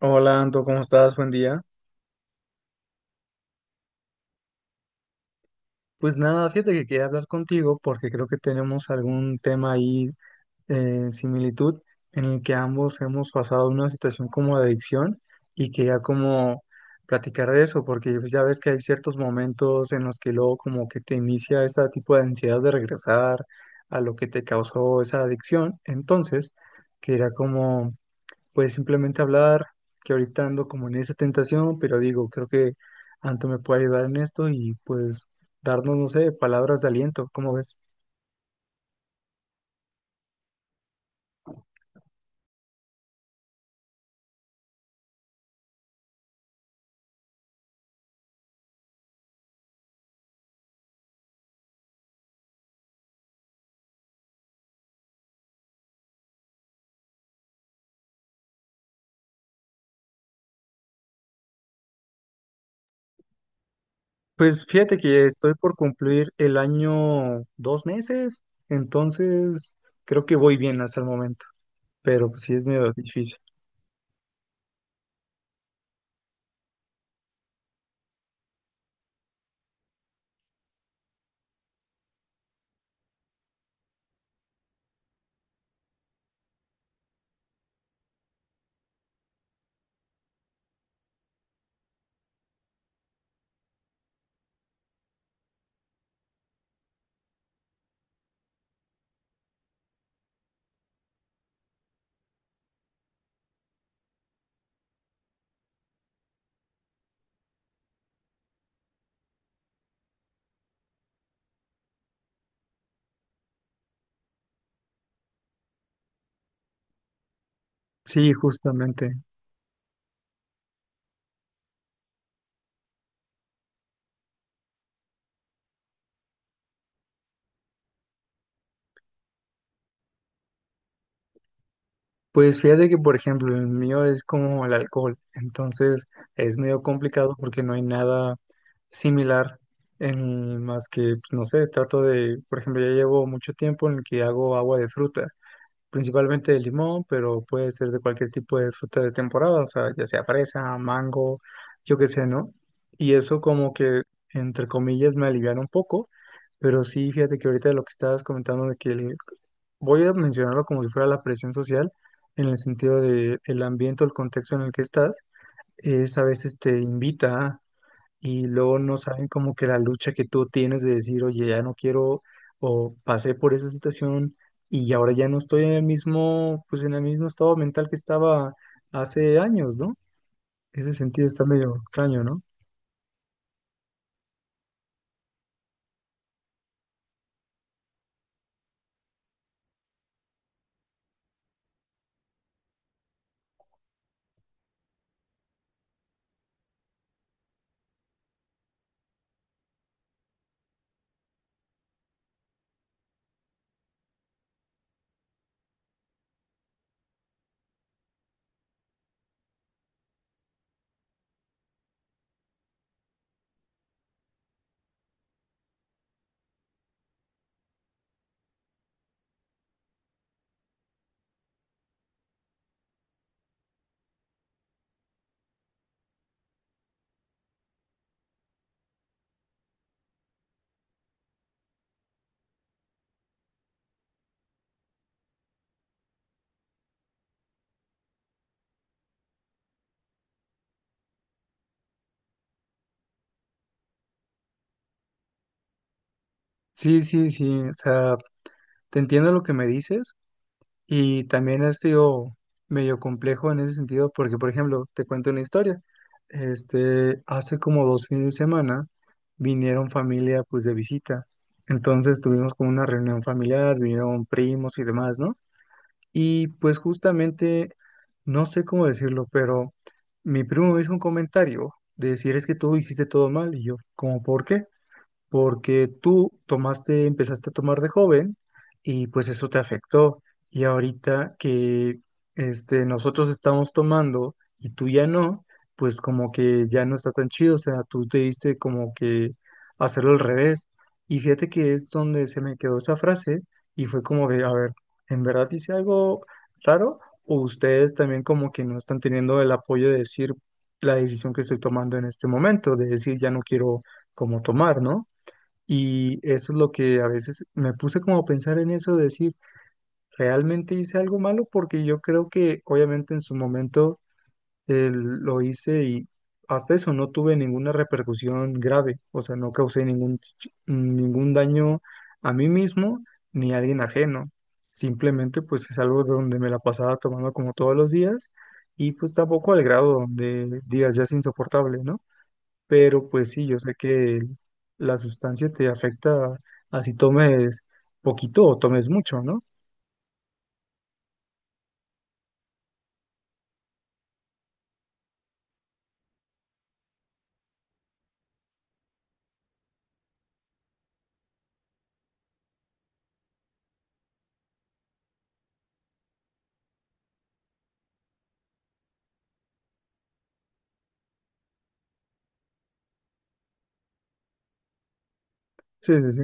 Hola, Anto, ¿cómo estás? Buen día. Pues nada, fíjate que quería hablar contigo porque creo que tenemos algún tema ahí, similitud, en el que ambos hemos pasado una situación como de adicción y quería como platicar de eso, porque pues, ya ves que hay ciertos momentos en los que luego como que te inicia ese tipo de ansiedad de regresar a lo que te causó esa adicción. Entonces, quería como pues simplemente hablar, que ahorita ando como en esa tentación, pero digo, creo que Anto me puede ayudar en esto y pues darnos, no sé, palabras de aliento, ¿cómo ves? Pues fíjate que estoy por cumplir el año 2 meses, entonces creo que voy bien hasta el momento, pero pues sí es medio difícil. Sí, justamente. Pues fíjate que, por ejemplo, el mío es como el alcohol, entonces es medio complicado porque no hay nada similar en más que, pues, no sé, trato de, por ejemplo, ya llevo mucho tiempo en el que hago agua de fruta, principalmente de limón, pero puede ser de cualquier tipo de fruta de temporada, o sea, ya sea fresa, mango, yo qué sé, ¿no? Y eso como que, entre comillas, me alivian un poco, pero sí, fíjate que ahorita lo que estabas comentando de que el voy a mencionarlo como si fuera la presión social, en el sentido de el ambiente o el contexto en el que estás, es a veces te invita a, y luego no saben como que la lucha que tú tienes de decir, oye, ya no quiero o pasé por esa situación y ahora ya no estoy en el mismo, pues en el mismo estado mental que estaba hace años, ¿no? Ese sentido está medio extraño, ¿no? Sí, sí, sí, o sea, te entiendo lo que me dices. Y también ha sido medio complejo en ese sentido, porque, por ejemplo, te cuento una historia. Este, hace como 2 fines de semana vinieron familia, pues, de visita. Entonces tuvimos como una reunión familiar, vinieron primos y demás, ¿no? Y pues justamente, no sé cómo decirlo, pero mi primo me hizo un comentario de decir, es que tú hiciste todo mal. Y yo, como ¿por qué? Porque tú tomaste, empezaste a tomar de joven y pues eso te afectó. Y ahorita que este, nosotros estamos tomando y tú ya no, pues como que ya no está tan chido, o sea, tú te diste como que hacerlo al revés. Y fíjate que es donde se me quedó esa frase y fue como de, a ver, ¿en verdad hice algo raro? ¿O ustedes también como que no están teniendo el apoyo de decir la decisión que estoy tomando en este momento, de decir ya no quiero como tomar, ¿no? Y eso es lo que a veces me puse como a pensar en eso, decir, ¿realmente hice algo malo? Porque yo creo que obviamente en su momento lo hice y hasta eso no tuve ninguna repercusión grave, o sea, no causé ningún, ningún daño a mí mismo ni a alguien ajeno. Simplemente pues es algo donde me la pasaba tomando como todos los días y pues tampoco al grado donde digas ya es insoportable, ¿no? Pero pues sí, yo sé que la sustancia te afecta así tomes poquito o tomes mucho, ¿no? Sí, sí, sí.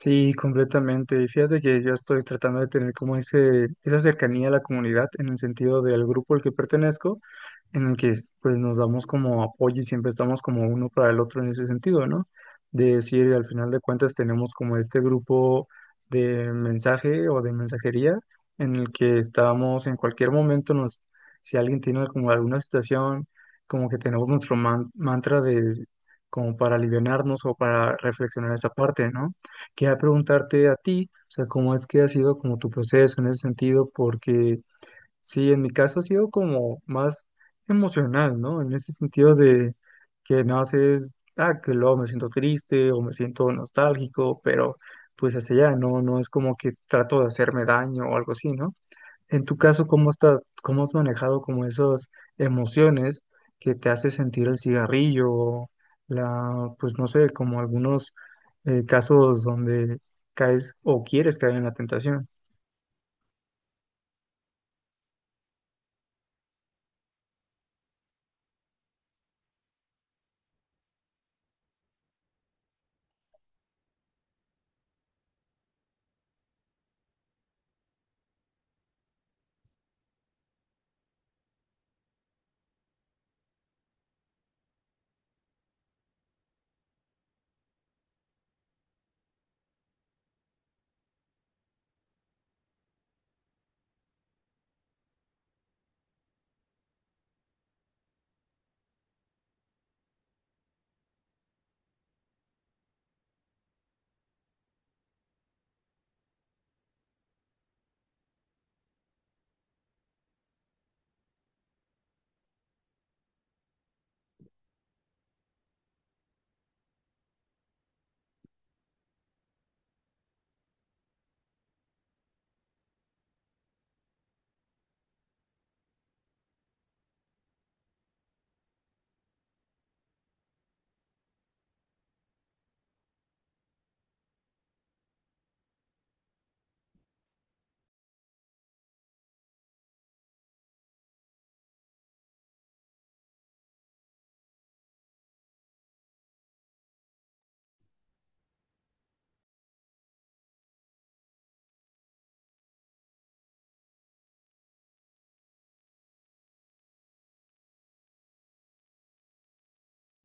Sí, completamente. Y fíjate que yo estoy tratando de tener como ese, esa cercanía a la comunidad en el sentido del grupo al que pertenezco, en el que pues nos damos como apoyo y siempre estamos como uno para el otro en ese sentido, ¿no? De decir, al final de cuentas tenemos como este grupo de mensaje o de mensajería en el que estamos en cualquier momento nos, si alguien tiene como alguna situación, como que tenemos nuestro mantra de como para alivianarnos o para reflexionar esa parte, ¿no? Quería preguntarte a ti, o sea, cómo es que ha sido como tu proceso en ese sentido, porque sí, en mi caso ha sido como más emocional, ¿no? En ese sentido de que no haces, ah, que luego me siento triste o me siento nostálgico, pero pues hacia allá, no, no es como que trato de hacerme daño o algo así, ¿no? En tu caso, ¿cómo está, cómo has manejado como esas emociones que te hace sentir el cigarrillo, o la, pues no sé, como algunos casos donde caes o quieres caer en la tentación?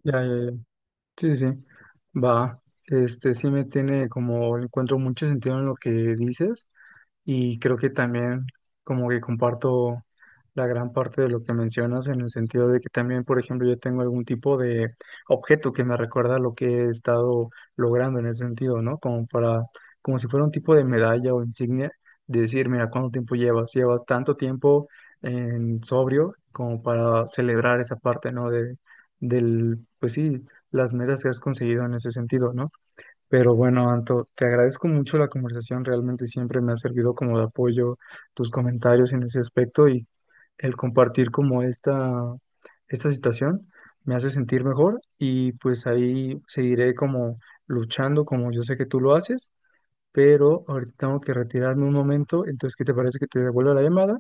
Ya, ya, ya. Sí, sí. Va. Este sí me tiene como, encuentro mucho sentido en lo que dices. Y creo que también como que comparto la gran parte de lo que mencionas en el sentido de que también, por ejemplo, yo tengo algún tipo de objeto que me recuerda lo que he estado logrando en ese sentido, ¿no? Como para, como si fuera un tipo de medalla o insignia de decir, mira, ¿cuánto tiempo llevas? Llevas tanto tiempo en sobrio como para celebrar esa parte, ¿no? De, del, pues sí, las metas que has conseguido en ese sentido, ¿no? Pero bueno, Anto, te agradezco mucho la conversación, realmente siempre me ha servido como de apoyo tus comentarios en ese aspecto y el compartir como esta situación me hace sentir mejor y pues ahí seguiré como luchando como yo sé que tú lo haces, pero ahorita tengo que retirarme un momento, entonces ¿qué te parece que te devuelva la llamada?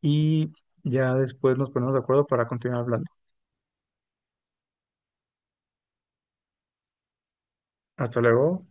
Y ya después nos ponemos de acuerdo para continuar hablando. Hasta luego.